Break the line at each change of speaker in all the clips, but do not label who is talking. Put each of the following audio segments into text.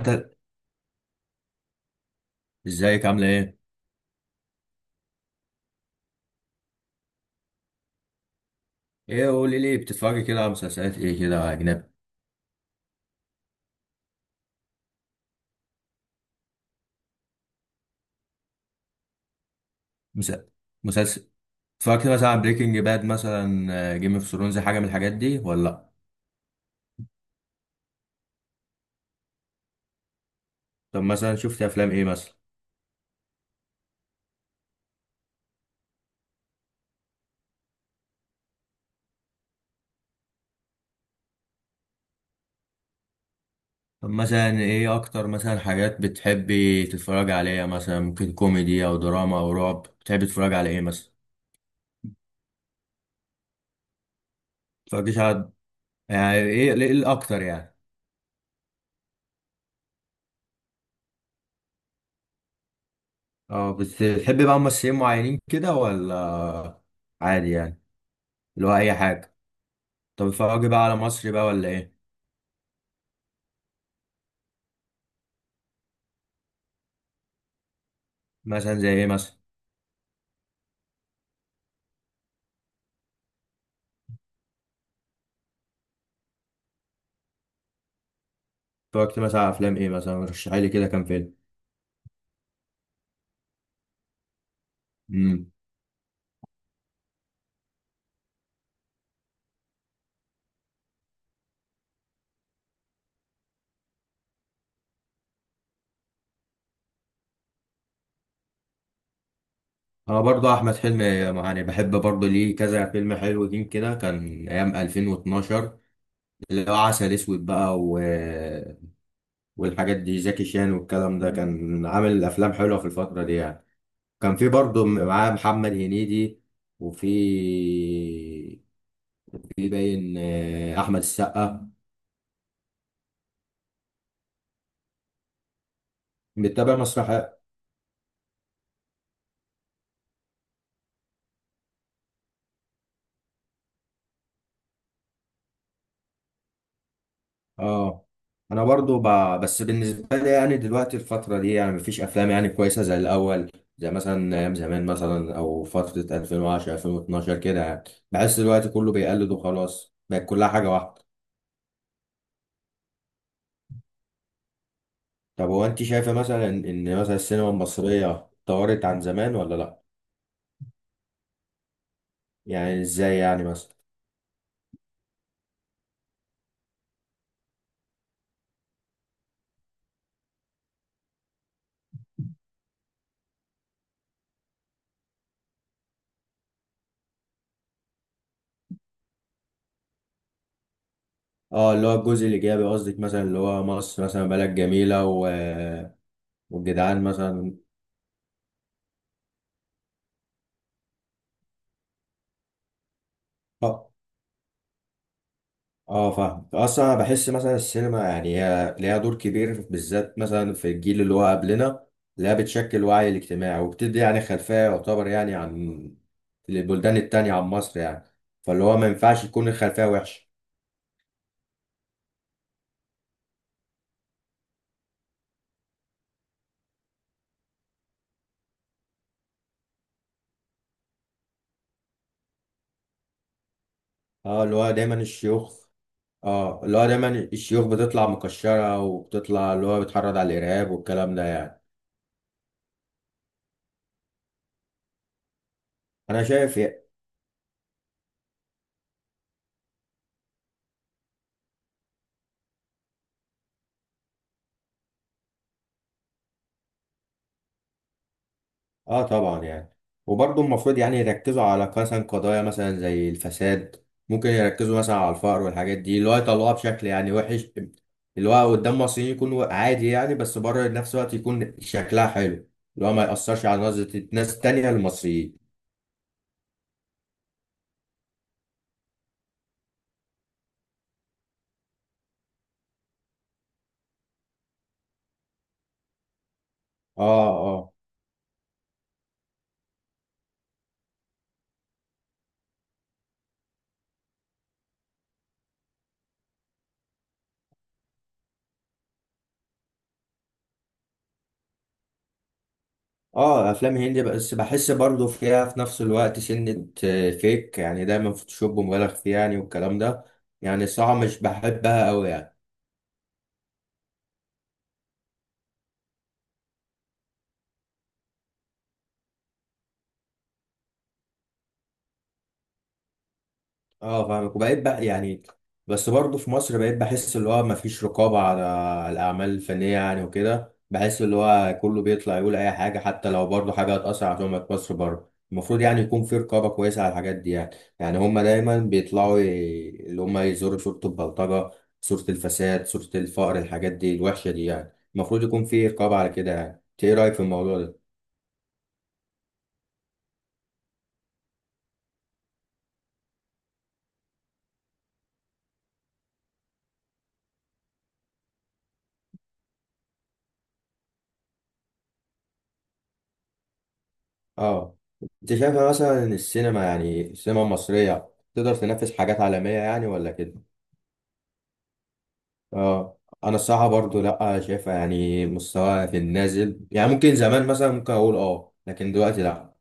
انت ازيك عامله ايه؟ ايه، قولي لي، بتتفرجي كده على مسلسلات ايه كده اجنبي؟ مس- مسلسل اتفرجت مثلا على بريكنج باد، مثلا جيم اوف ثرونز، حاجه من الحاجات دي ولا لا؟ طب مثلا شفت افلام ايه مثلا؟ طب مثلا ايه اكتر مثلا حاجات بتحبي تتفرجي عليها؟ مثلا ممكن كوميدي او دراما او رعب؟ بتحبي تتفرجي على ايه مثلا؟ متتفرجيش على، يعني ايه ايه الاكتر يعني؟ اه، بتحبي بقى ممثلين معينين كده ولا عادي يعني؟ اللي هو اي حاجه. طب اتفرجي بقى على مصري بقى ولا ايه؟ مثلا زي ايه مثلا؟ اتفرجت مثلا على افلام ايه مثلا؟ رشحي لي كده كام فيلم. امم انا برضه احمد حلمي يعني بحب، برضه ليه كذا فيلم حلوين كده، كان ايام 2012، اللي هو عسل اسود بقى و... والحاجات دي، زكي شان والكلام ده. كان عامل افلام حلوه في الفتره دي يعني. كان في برضه معاه محمد هنيدي، وفي باين احمد السقا. بتتابع مسرح؟ اه انا بس بالنسبه لي يعني دلوقتي الفتره دي يعني مفيش افلام يعني كويسه زي الاول، زي مثلا ايام زمان مثلا او فتره 2010، 2012 كده يعني. بحس دلوقتي كله بيقلد وخلاص، بقت كلها حاجه واحده. طب هو انت شايفه مثلا ان مثلا السينما المصريه اتطورت عن زمان ولا لا؟ يعني ازاي يعني مثلا؟ اه، اللي هو الجزء الايجابي قصدك، مثلا اللي هو مصر مثلا بلد جميله و... والجدعان مثلا. آه. اه فاهم. اصلا انا بحس مثلا السينما يعني هي ليها دور كبير، بالذات مثلا في الجيل اللي هو قبلنا، اللي هي بتشكل الوعي الاجتماعي وبتدي يعني خلفية يعتبر يعني عن البلدان التانية عن مصر يعني، فاللي هو ما ينفعش يكون الخلفية وحشة. اه اللي هو دايما الشيوخ. اه اللي هو دايما الشيوخ بتطلع مكشرة، وبتطلع اللي هو بتحرض على الإرهاب والكلام ده يعني. انا شايف اه طبعا يعني، وبرضه المفروض يعني يركزوا على مثلا قضايا مثلا زي الفساد، ممكن يركزوا مثلا على الفقر والحاجات دي، اللي هو يطلعوها بشكل يعني وحش اللي هو قدام مصريين يكون عادي يعني، بس بره نفس الوقت يكون شكلها حلو، اللي هو ما يأثرش على نظرة ناس تانية للمصريين. اه اه. اه افلام هندي بس بحس برضه فيها في نفس الوقت سنة فيك، يعني دايما فوتوشوب مبالغ فيه يعني والكلام ده. يعني الصراحة مش بحبها قوي يعني. اه فاهمك، وبقيت بقى يعني، بس برضه في مصر بقيت بحس اللي هو مفيش رقابة على على الأعمال الفنية يعني، وكده بحس اللي هو كله بيطلع يقول أي حاجة، حتى لو برضه حاجة هتأثر على سمعة مصر بره، المفروض يعني يكون في رقابة كويسة على الحاجات دي يعني. يعني هما دايما اللي هما يزوروا صورة البلطجة، صورة الفساد، صورة الفقر، الحاجات دي الوحشة دي يعني، المفروض يكون في رقابة على كده يعني. إنت إيه رأيك في الموضوع ده؟ اه انت شايفة مثلا ان السينما، يعني السينما المصرية، تقدر تنافس حاجات عالمية يعني ولا كده؟ اه انا الصراحة برضو لا، شايفها يعني مستواها في النازل يعني، ممكن زمان مثلا ممكن اقول اه، لكن دلوقتي لا.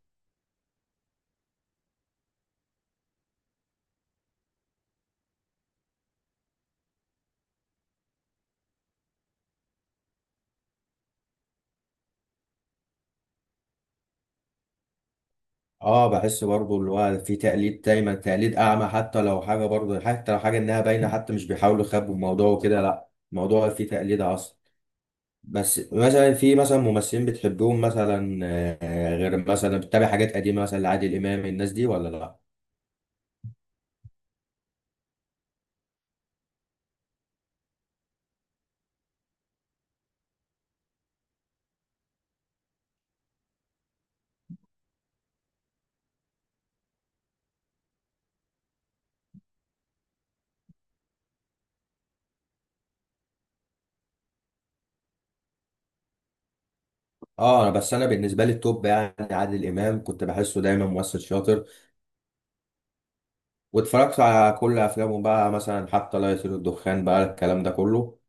اه بحس برضو اللي هو في تقليد، دايما تقليد اعمى، حتى لو حاجة برضو، حتى لو حاجة انها باينة، حتى مش بيحاولوا يخبوا الموضوع وكده، لا الموضوع فيه تقليد اصلا. بس مثلا في مثلا ممثلين بتحبهم مثلا، غير مثلا بتتابع حاجات قديمة مثلا لعادل امام، الناس دي ولا لا؟ اه انا بس، انا بالنسبه لي التوب يعني عادل امام، كنت بحسه دايما ممثل شاطر، واتفرجت على كل افلامه بقى، مثلا حتى لا يطير الدخان بقى، الكلام ده كله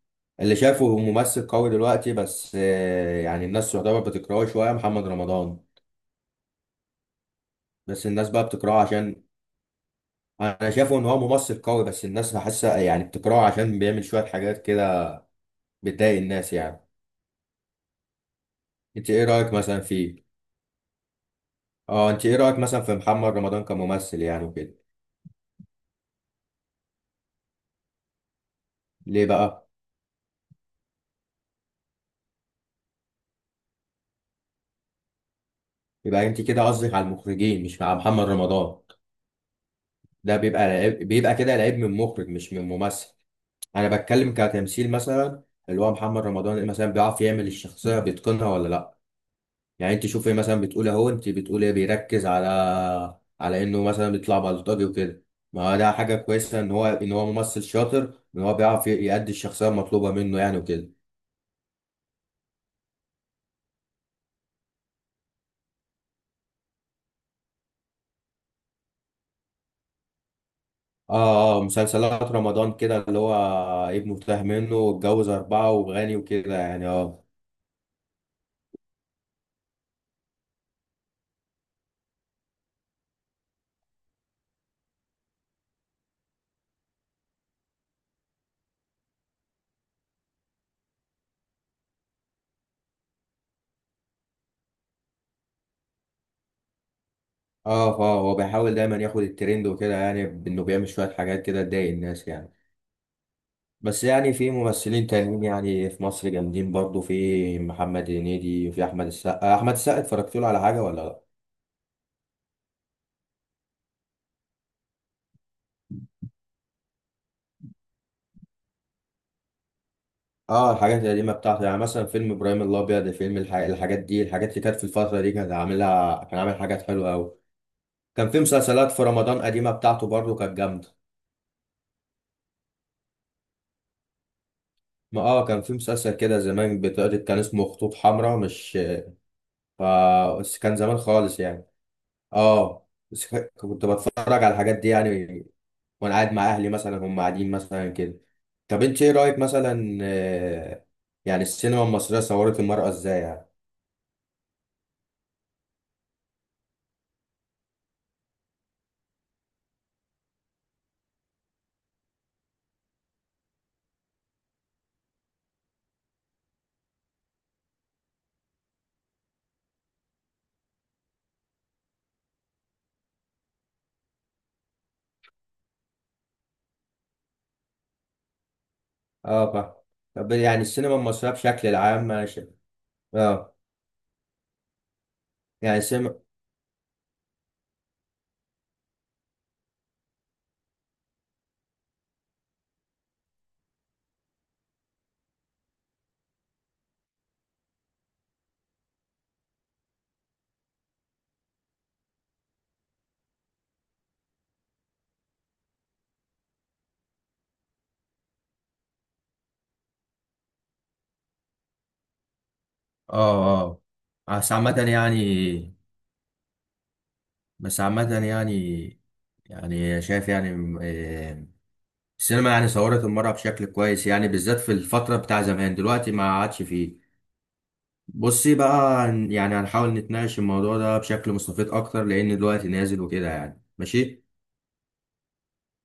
اللي شافه ممثل قوي. دلوقتي بس يعني الناس يعتبر بتكرهه شويه، محمد رمضان. بس الناس بقى بتكرهه عشان، انا شايفه ان هو ممثل قوي، بس الناس بحسها يعني بتكرهه عشان بيعمل شويه حاجات كده بتضايق الناس يعني. انت ايه رايك مثلا فيه؟ اه انت ايه رايك مثلا في محمد رمضان كممثل يعني وكده؟ ليه بقى؟ يبقى انت كده قصدك على المخرجين مش مع محمد رمضان. ده بيبقى لعيب، بيبقى كده لعيب من مخرج مش من ممثل. انا بتكلم كتمثيل مثلا، اللي هو محمد رمضان مثلا بيعرف يعمل الشخصيه بيتقنها ولا لا؟ يعني انت شوفي مثلا، بتقول اهو، انت بتقول ايه بيركز على، على انه مثلا بيطلع بلطجي وكده، ما هو ده حاجه كويسه ان هو، ان هو ممثل شاطر، ان هو بيعرف يأدي الشخصيه المطلوبه منه يعني وكده. اه اه، مسلسلات رمضان كده اللي هو ابنه تاه منه واتجوز اربعه وغني وكده يعني. اه اه، فهو بيحاول دايما ياخد الترند وكده يعني، بانه بيعمل شويه حاجات كده تضايق الناس يعني. بس يعني في ممثلين تانيين يعني في مصر جامدين برضو، في محمد هنيدي، وفي احمد السقا. احمد السقا اتفرجت له على حاجه ولا لا؟ اه الحاجات القديمه بتاعته، يعني مثلا فيلم ابراهيم الابيض، فيلم الحاجات دي، الحاجات اللي كانت في الفتره دي كان عاملها، كان عامل حاجات حلوه قوي. كان في مسلسلات في رمضان قديمه بتاعته برضو كانت جامده. ما اه كان في مسلسل كده زمان بتقعد، كان اسمه خطوط حمراء، مش ف... بس كان زمان خالص يعني. اه بس كنت بتفرج على الحاجات دي يعني، وانا قاعد مع اهلي مثلا، هم قاعدين مثلا كده. طب انت ايه رايك مثلا، يعني السينما المصريه صورت المراه ازاي يعني؟ اه بقى. طب يعني السينما المصريه بشكل العام انا شايف، اه يعني السينما، اه اه بس عامة يعني، بس عامة يعني، يعني شايف يعني، السينما يعني صورت المرأة بشكل كويس يعني، بالذات في الفترة بتاع زمان، دلوقتي ما عادش فيه. بصي بقى، يعني هنحاول نتناقش الموضوع ده بشكل مستفيض اكتر، لان دلوقتي نازل وكده يعني. ماشي.